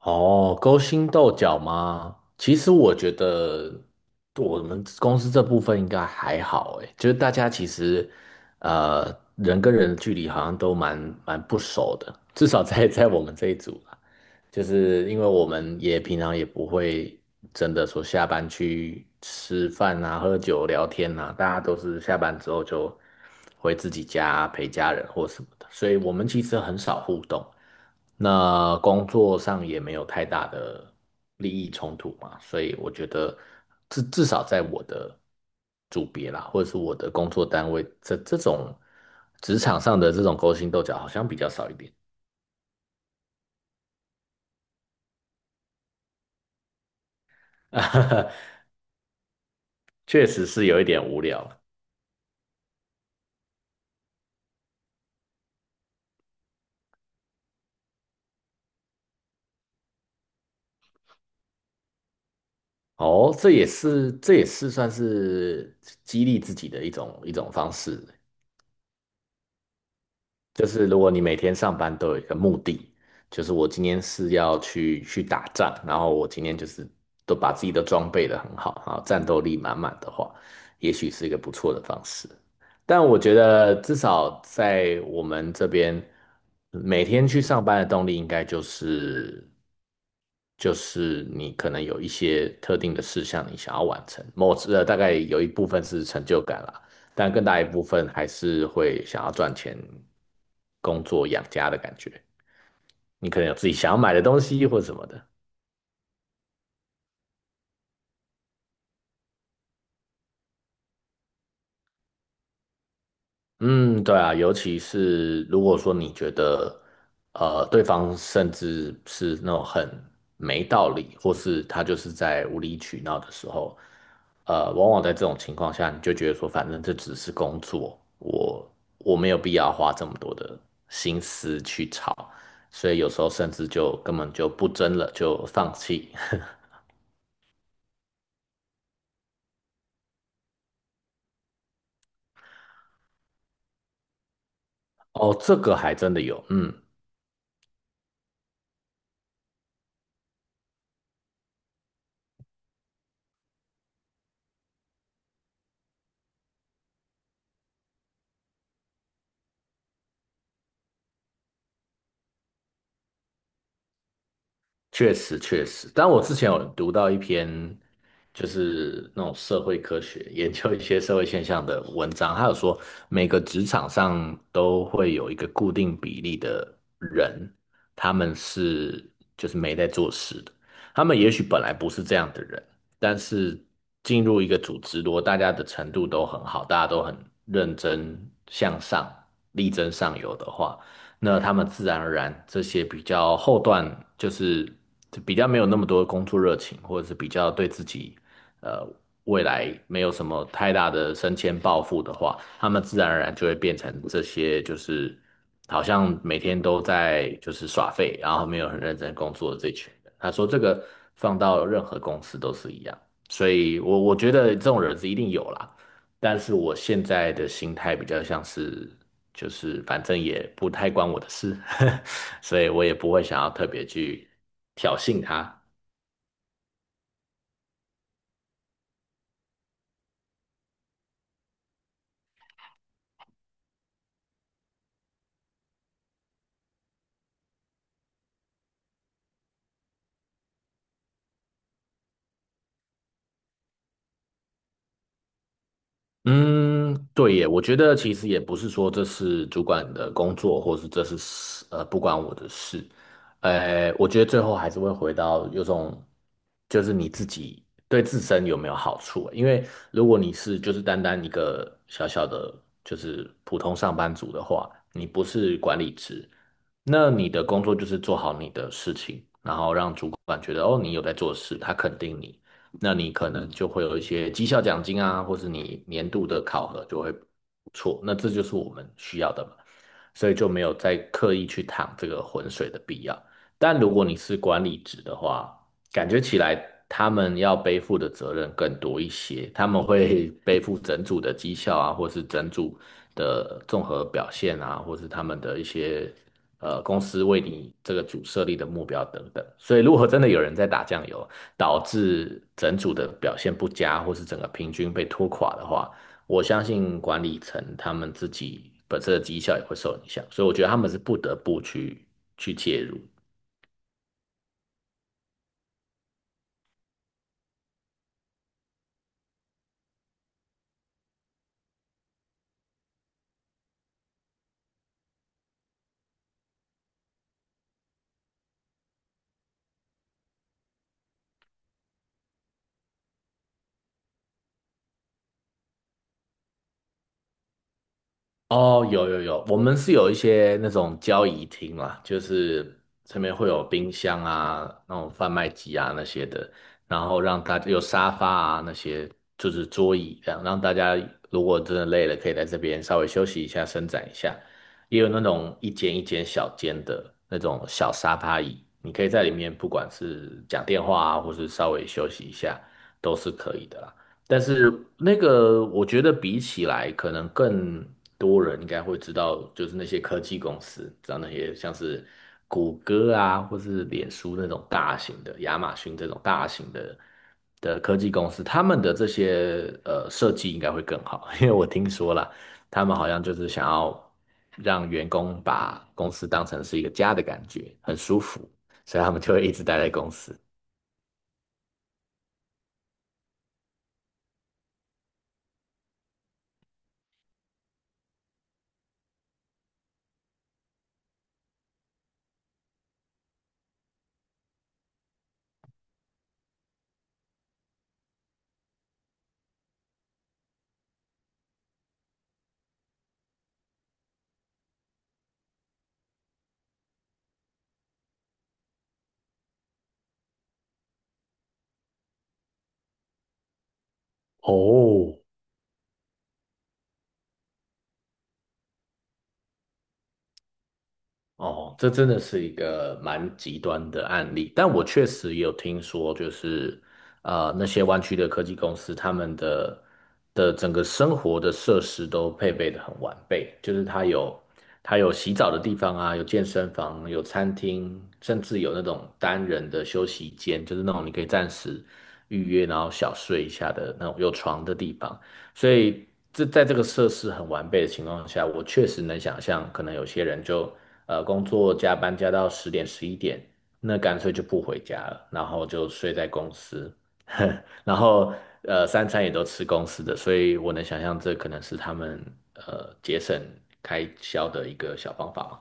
哦，勾心斗角吗？其实我觉得我们公司这部分应该还好，诶，就是大家其实呃人跟人的距离好像都蛮不熟的，至少在我们这一组就是因为我们也平常也不会真的说下班去吃饭啊、喝酒、聊天啊，大家都是下班之后就回自己家陪家人或什么的，所以我们其实很少互动。那工作上也没有太大的利益冲突嘛，所以我觉得至少在我的组别啦，或者是我的工作单位，这种职场上的这种勾心斗角好像比较少一点。确实是有一点无聊。哦，这也是算是激励自己的一种方式。就是如果你每天上班都有一个目的，就是我今天是要去打仗，然后我今天就是都把自己的装备的很好，然后战斗力满满的话，也许是一个不错的方式。但我觉得至少在我们这边，每天去上班的动力应该就是你可能有一些特定的事项你想要完成，大概有一部分是成就感啦。但更大一部分还是会想要赚钱、工作养家的感觉。你可能有自己想要买的东西或什么的。嗯，对啊，尤其是如果说你觉得，对方甚至是那种很没道理，或是他就是在无理取闹的时候，往往在这种情况下，你就觉得说，反正这只是工作，我没有必要花这么多的心思去吵，所以有时候甚至就根本就不争了，就放弃。哦，这个还真的有，嗯。确实确实，但我之前有读到一篇，就是那种社会科学 研究一些社会现象的文章，他有说每个职场上都会有一个固定比例的人，他们是就是没在做事的，他们也许本来不是这样的人，但是进入一个组织，如果大家的程度都很好，大家都很认真向上、力争上游的话。那他们自然而然这些比较后段就是比较没有那么多工作热情，或者是比较对自己呃未来没有什么太大的升迁抱负的话，他们自然而然就会变成这些就是好像每天都在就是耍废，然后没有很认真工作的这群人。他说这个放到任何公司都是一样，所以我觉得这种人是一定有啦。但是我现在的心态比较像是，就是反正也不太关我的事，所以我也不会想要特别去挑衅他。嗯，对耶，我觉得其实也不是说这是主管的工作，或是这是事呃不关我的事，我觉得最后还是会回到有种就是你自己对自身有没有好处啊，因为如果你是就是单单一个小小的就是普通上班族的话，你不是管理职，那你的工作就是做好你的事情，然后让主管觉得哦你有在做事，他肯定你。那你可能就会有一些绩效奖金啊，或是你年度的考核就会不错。那这就是我们需要的嘛，所以就没有再刻意去趟这个浑水的必要。但如果你是管理职的话，感觉起来他们要背负的责任更多一些，他们会 背负整组的绩效啊，或是整组的综合表现啊，或是他们的一些公司为你这个组设立的目标等等。所以如果真的有人在打酱油，导致整组的表现不佳，或是整个平均被拖垮的话，我相信管理层他们自己本身的绩效也会受影响，所以我觉得他们是不得不去介入。哦，有有有，我们是有一些那种交易厅啦，就是上面会有冰箱啊、那种贩卖机啊那些的，然后让大家有沙发啊那些，就是桌椅这样，让大家如果真的累了，可以在这边稍微休息一下、伸展一下。也有那种一间一间小间的那种小沙发椅，你可以在里面不管是讲电话啊，或是稍微休息一下，都是可以的啦。但是那个，我觉得比起来，可能更多人应该会知道，就是那些科技公司，知道那些像是谷歌啊，或是脸书那种大型的，亚马逊这种大型的科技公司，他们的这些设计应该会更好，因为我听说了，他们好像就是想要让员工把公司当成是一个家的感觉，很舒服，所以他们就会一直待在公司。哦，哦，这真的是一个蛮极端的案例，但我确实有听说，那些湾区的科技公司，他们的整个生活的设施都配备的很完备，就是它有洗澡的地方啊，有健身房，有餐厅，甚至有那种单人的休息间，就是那种你可以暂时预约，然后小睡一下的那种有床的地方。所以这在这个设施很完备的情况下，我确实能想象，可能有些人就工作加班加到10点11点，那干脆就不回家了，然后就睡在公司，然后三餐也都吃公司的，所以我能想象这可能是他们节省开销的一个小方法嘛。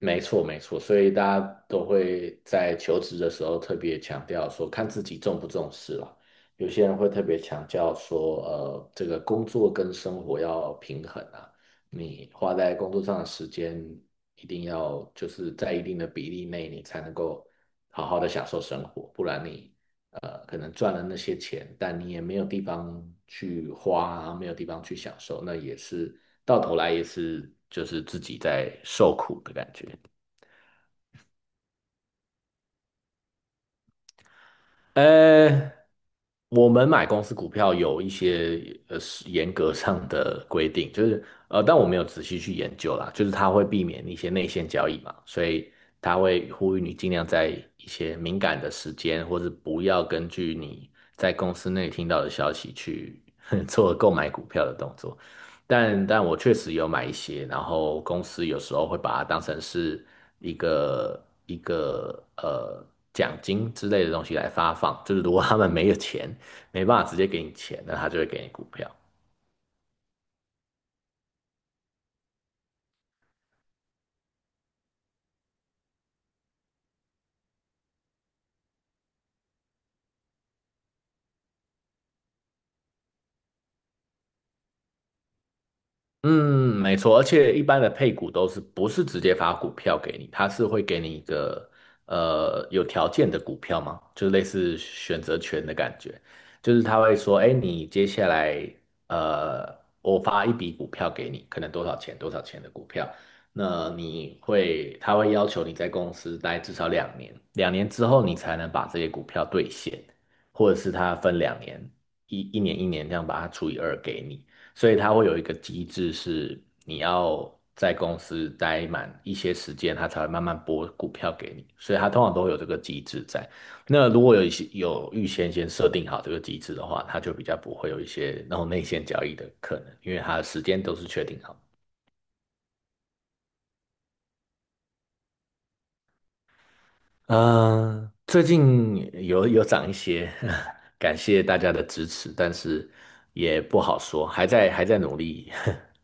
没错，没错，所以大家都会在求职的时候特别强调说，看自己重不重视了。有些人会特别强调说，这个工作跟生活要平衡啊，你花在工作上的时间一定要就是在一定的比例内，你才能够好好的享受生活，不然你可能赚了那些钱，但你也没有地方去花啊没有地方去享受，那也是到头来也是就是自己在受苦的感觉。呃，我们买公司股票有一些是严格上的规定，就是但我没有仔细去研究啦，就是它会避免一些内线交易嘛，所以它会呼吁你尽量在一些敏感的时间，或是不要根据你在公司内听到的消息去 做购买股票的动作。但我确实有买一些，然后公司有时候会把它当成是一个奖金之类的东西来发放，就是如果他们没有钱，没办法直接给你钱，那他就会给你股票。嗯，没错，而且一般的配股都是不是直接发股票给你，它是会给你一个有条件的股票嘛，就是类似选择权的感觉，就是他会说，哎，你接下来呃，我发一笔股票给你，可能多少钱多少钱的股票，那你会他会要求你在公司待至少两年，两年之后你才能把这些股票兑现，或者是他分两年，一年一年这样把它除以2给你。所以它会有一个机制，是你要在公司待满一些时间，它才会慢慢拨股票给你。所以它通常都会有这个机制在。那如果有一些有预先设定好这个机制的话，它就比较不会有一些那种内线交易的可能，因为它的时间都是确定好。嗯、最近有涨一些，感谢大家的支持，但是也不好说，还在努力。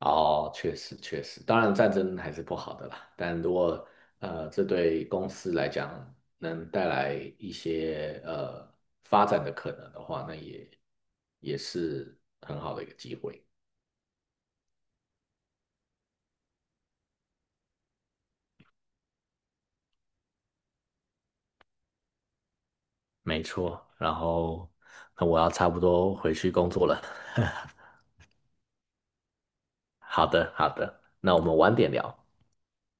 哦，确实确实，当然战争还是不好的啦。但如果这对公司来讲能带来一些发展的可能的话，那也是很好的一个机会。没错，然后那我要差不多回去工作了。好的，好的，那我们晚点聊。